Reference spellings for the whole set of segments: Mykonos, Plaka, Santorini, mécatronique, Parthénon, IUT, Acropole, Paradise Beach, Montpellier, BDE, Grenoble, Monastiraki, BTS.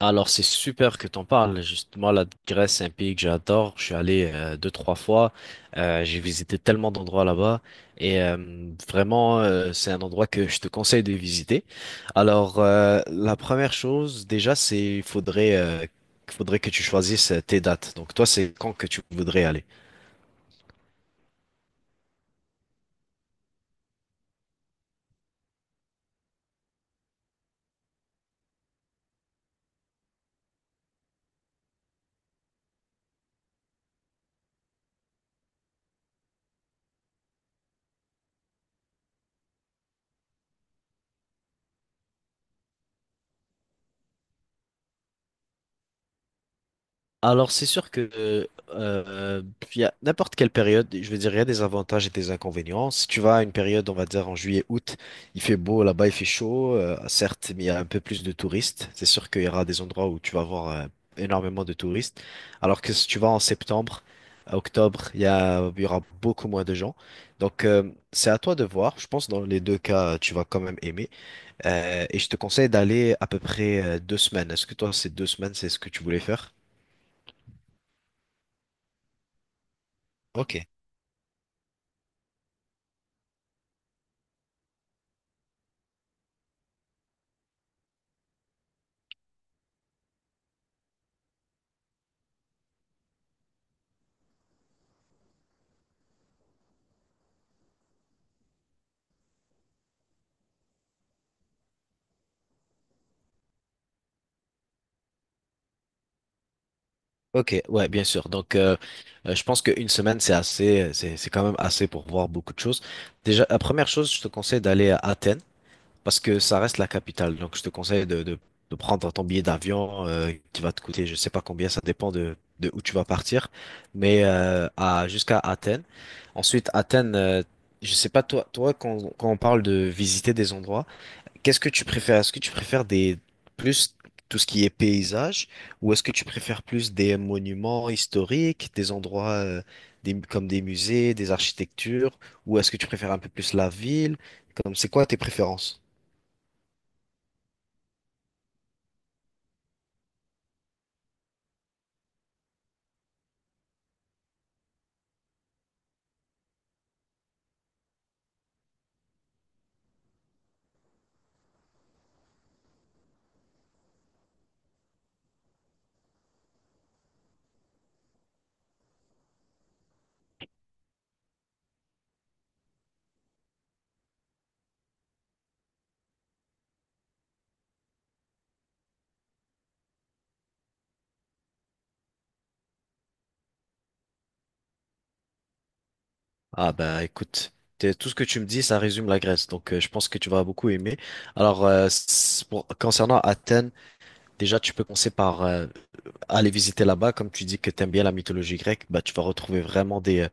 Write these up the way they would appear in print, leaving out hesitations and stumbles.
Alors, c'est super que t'en parles. Justement, la Grèce, c'est un pays que j'adore. Je suis allé deux, trois fois. J'ai visité tellement d'endroits là-bas. Et euh, Vraiment, c'est un endroit que je te conseille de visiter. Alors, la première chose, déjà, c'est il faudrait, faudrait que tu choisisses tes dates. Donc, toi, c'est quand que tu voudrais aller? Alors, c'est sûr que il y a n'importe quelle période, je veux dire, il y a des avantages et des inconvénients. Si tu vas à une période, on va dire en juillet, août, il fait beau, là-bas il fait chaud, certes, mais il y a un peu plus de touristes. C'est sûr qu'il y aura des endroits où tu vas avoir énormément de touristes. Alors que si tu vas en septembre, à octobre, il y aura beaucoup moins de gens. Donc, c'est à toi de voir. Je pense que dans les deux cas, tu vas quand même aimer. Et je te conseille d'aller à peu près deux semaines. Est-ce que toi, ces deux semaines, c'est ce que tu voulais faire? Ok. Ok, ouais, bien sûr. Donc, je pense qu'une semaine, c'est assez, c'est quand même assez pour voir beaucoup de choses. Déjà, la première chose, je te conseille d'aller à Athènes parce que ça reste la capitale. Donc, je te conseille de prendre ton billet d'avion qui va te coûter, je sais pas combien, ça dépend de où tu vas partir, mais jusqu'à Athènes. Ensuite, Athènes, je sais pas toi, quand on parle de visiter des endroits, qu'est-ce que tu préfères? Est-ce que tu préfères des plus tout ce qui est paysage ou est-ce que tu préfères plus des monuments historiques, des endroits comme des musées, des architectures ou est-ce que tu préfères un peu plus la ville? Comme c'est quoi tes préférences? Ah bah écoute, tout ce que tu me dis, ça résume la Grèce, donc je pense que tu vas beaucoup aimer. Alors concernant Athènes, déjà tu peux commencer par aller visiter là-bas, comme tu dis que t'aimes bien la mythologie grecque, bah tu vas retrouver vraiment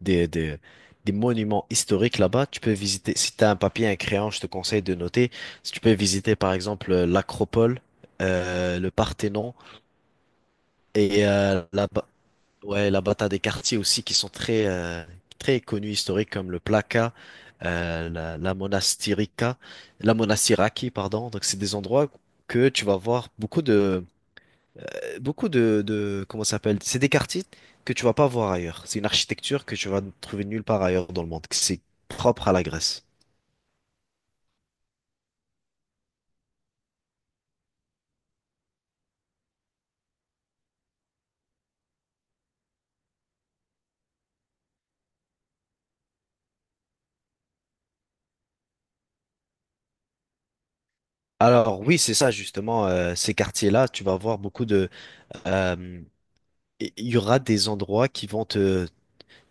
des, des, des monuments historiques là-bas. Tu peux visiter, si tu as un papier, un crayon, je te conseille de noter. Si tu peux visiter par exemple l'Acropole, le Parthénon et ouais, là-bas, t'as des quartiers aussi qui sont très connus historiques comme le Plaka, la Monastirica, la Monastiraki, pardon. Donc, c'est des endroits que tu vas voir beaucoup de, comment ça s'appelle? C'est des quartiers que tu vas pas voir ailleurs. C'est une architecture que tu vas trouver nulle part ailleurs dans le monde. Que C'est propre à la Grèce. Alors oui, c'est ça justement. Ces quartiers-là, tu vas voir beaucoup de. euh, Il y aura des endroits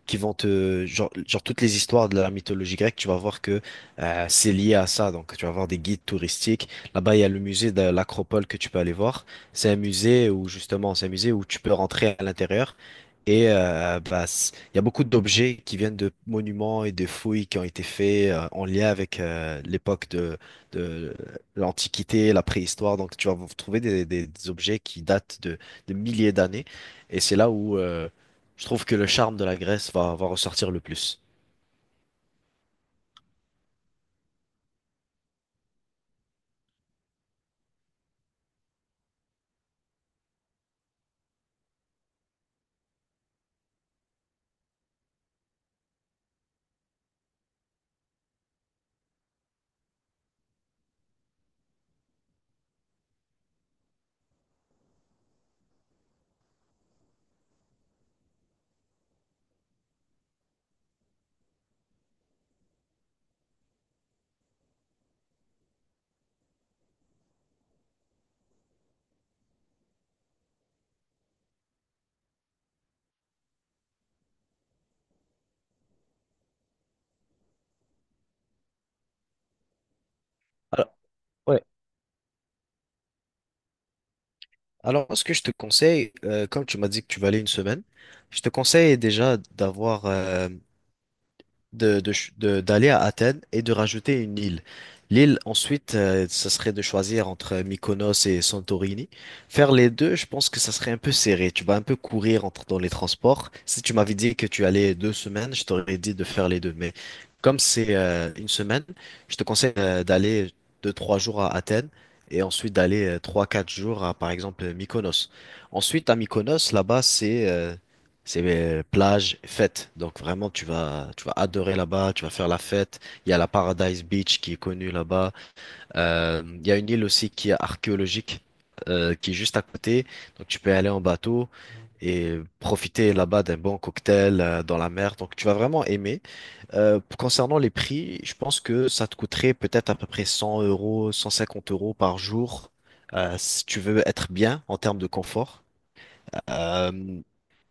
qui vont te genre toutes les histoires de la mythologie grecque, tu vas voir que c'est lié à ça. Donc tu vas voir des guides touristiques. Là-bas, il y a le musée de l'Acropole que tu peux aller voir. C'est un musée où justement, c'est un musée où tu peux rentrer à l'intérieur. Il y a beaucoup d'objets qui viennent de monuments et de fouilles qui ont été faits en lien avec l'époque de l'Antiquité, la préhistoire. Donc tu vas trouver des objets qui datent de milliers d'années. Et c'est là où je trouve que le charme de la Grèce va ressortir le plus. Alors, ouais. Alors, ce que je te conseille, comme tu m'as dit que tu vas aller une semaine, je te conseille déjà d'avoir d'aller à Athènes et de rajouter une île. L'île, ensuite, ce serait de choisir entre Mykonos et Santorini. Faire les deux, je pense que ça serait un peu serré. Tu vas un peu courir entre, dans les transports. Si tu m'avais dit que tu allais deux semaines, je t'aurais dit de faire les deux. Mais comme c'est une semaine, je te conseille d'aller deux, trois jours à Athènes et ensuite d'aller trois, quatre jours à, par exemple, Mykonos. Ensuite, à Mykonos, là-bas, c'est plage, fête. Donc vraiment, tu vas adorer là-bas, tu vas faire la fête. Il y a la Paradise Beach qui est connue là-bas. Il y a une île aussi qui est archéologique, qui est juste à côté. Donc tu peux aller en bateau et profiter là-bas d'un bon cocktail dans la mer. Donc tu vas vraiment aimer. Concernant les prix, je pense que ça te coûterait peut-être à peu près 100 euros, 150 euros par jour, si tu veux être bien en termes de confort. Euh,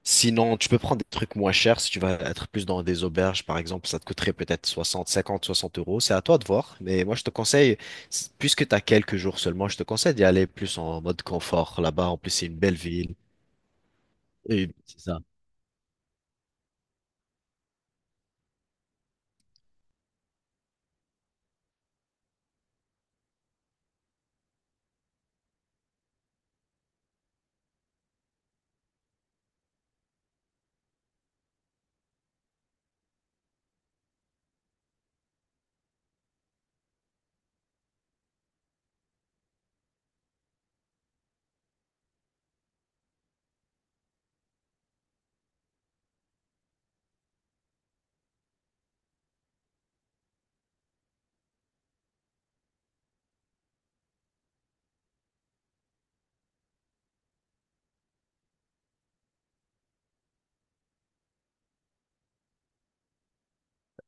Sinon, tu peux prendre des trucs moins chers. Si tu vas être plus dans des auberges, par exemple, ça te coûterait peut-être 60, 50, 60 euros. C'est à toi de voir. Mais moi, je te conseille, puisque tu as quelques jours seulement, je te conseille d'y aller plus en mode confort là-bas. En plus, c'est une belle ville. Et c'est ça.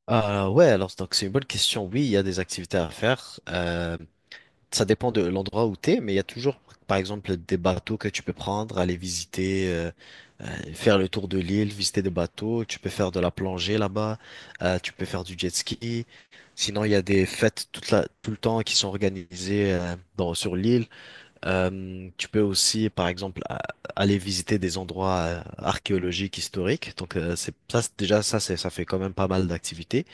Ah ouais, alors donc c'est une bonne question. Oui, il y a des activités à faire. Ça dépend de l'endroit où tu es, mais il y a toujours, par exemple, des bateaux que tu peux prendre, aller visiter. Faire le tour de l'île, visiter des bateaux, tu peux faire de la plongée là-bas, tu peux faire du jet ski. Sinon, il y a des fêtes tout le temps qui sont organisées sur l'île. Tu peux aussi, par exemple, aller visiter des endroits archéologiques, historiques. Donc, déjà, ça fait quand même pas mal d'activités.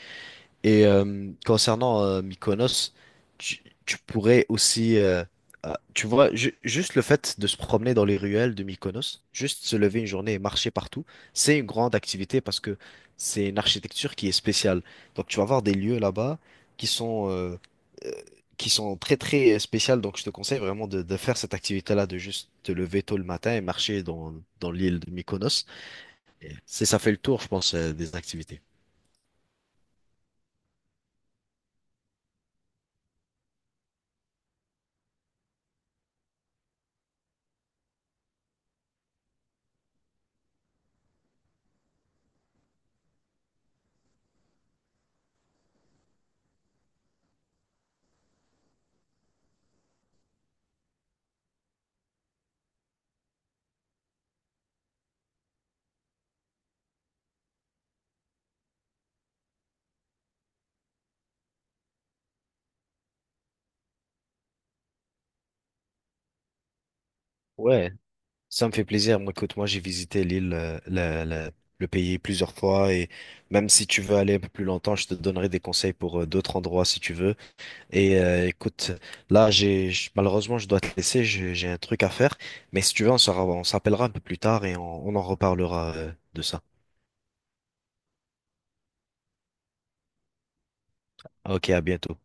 Et concernant Mykonos, tu pourrais aussi, ah, tu vois, juste le fait de se promener dans les ruelles de Mykonos, juste se lever une journée et marcher partout, c'est une grande activité parce que c'est une architecture qui est spéciale. Donc tu vas avoir des lieux là-bas qui sont, euh, euh, qui sont très très spéciales. Donc je te conseille vraiment de faire cette activité-là, de juste te lever tôt le matin et marcher dans, dans l'île de Mykonos. C'est ça fait le tour, je pense, des activités. Ouais. Ça me fait plaisir. Moi, écoute, moi, j'ai visité l'île, le pays plusieurs fois et même si tu veux aller un peu plus longtemps, je te donnerai des conseils pour d'autres endroits si tu veux. Et écoute, là, malheureusement, je dois te laisser. J'ai un truc à faire. Mais si tu veux, on s'appellera un peu plus tard et on en reparlera de ça. Ok, à bientôt.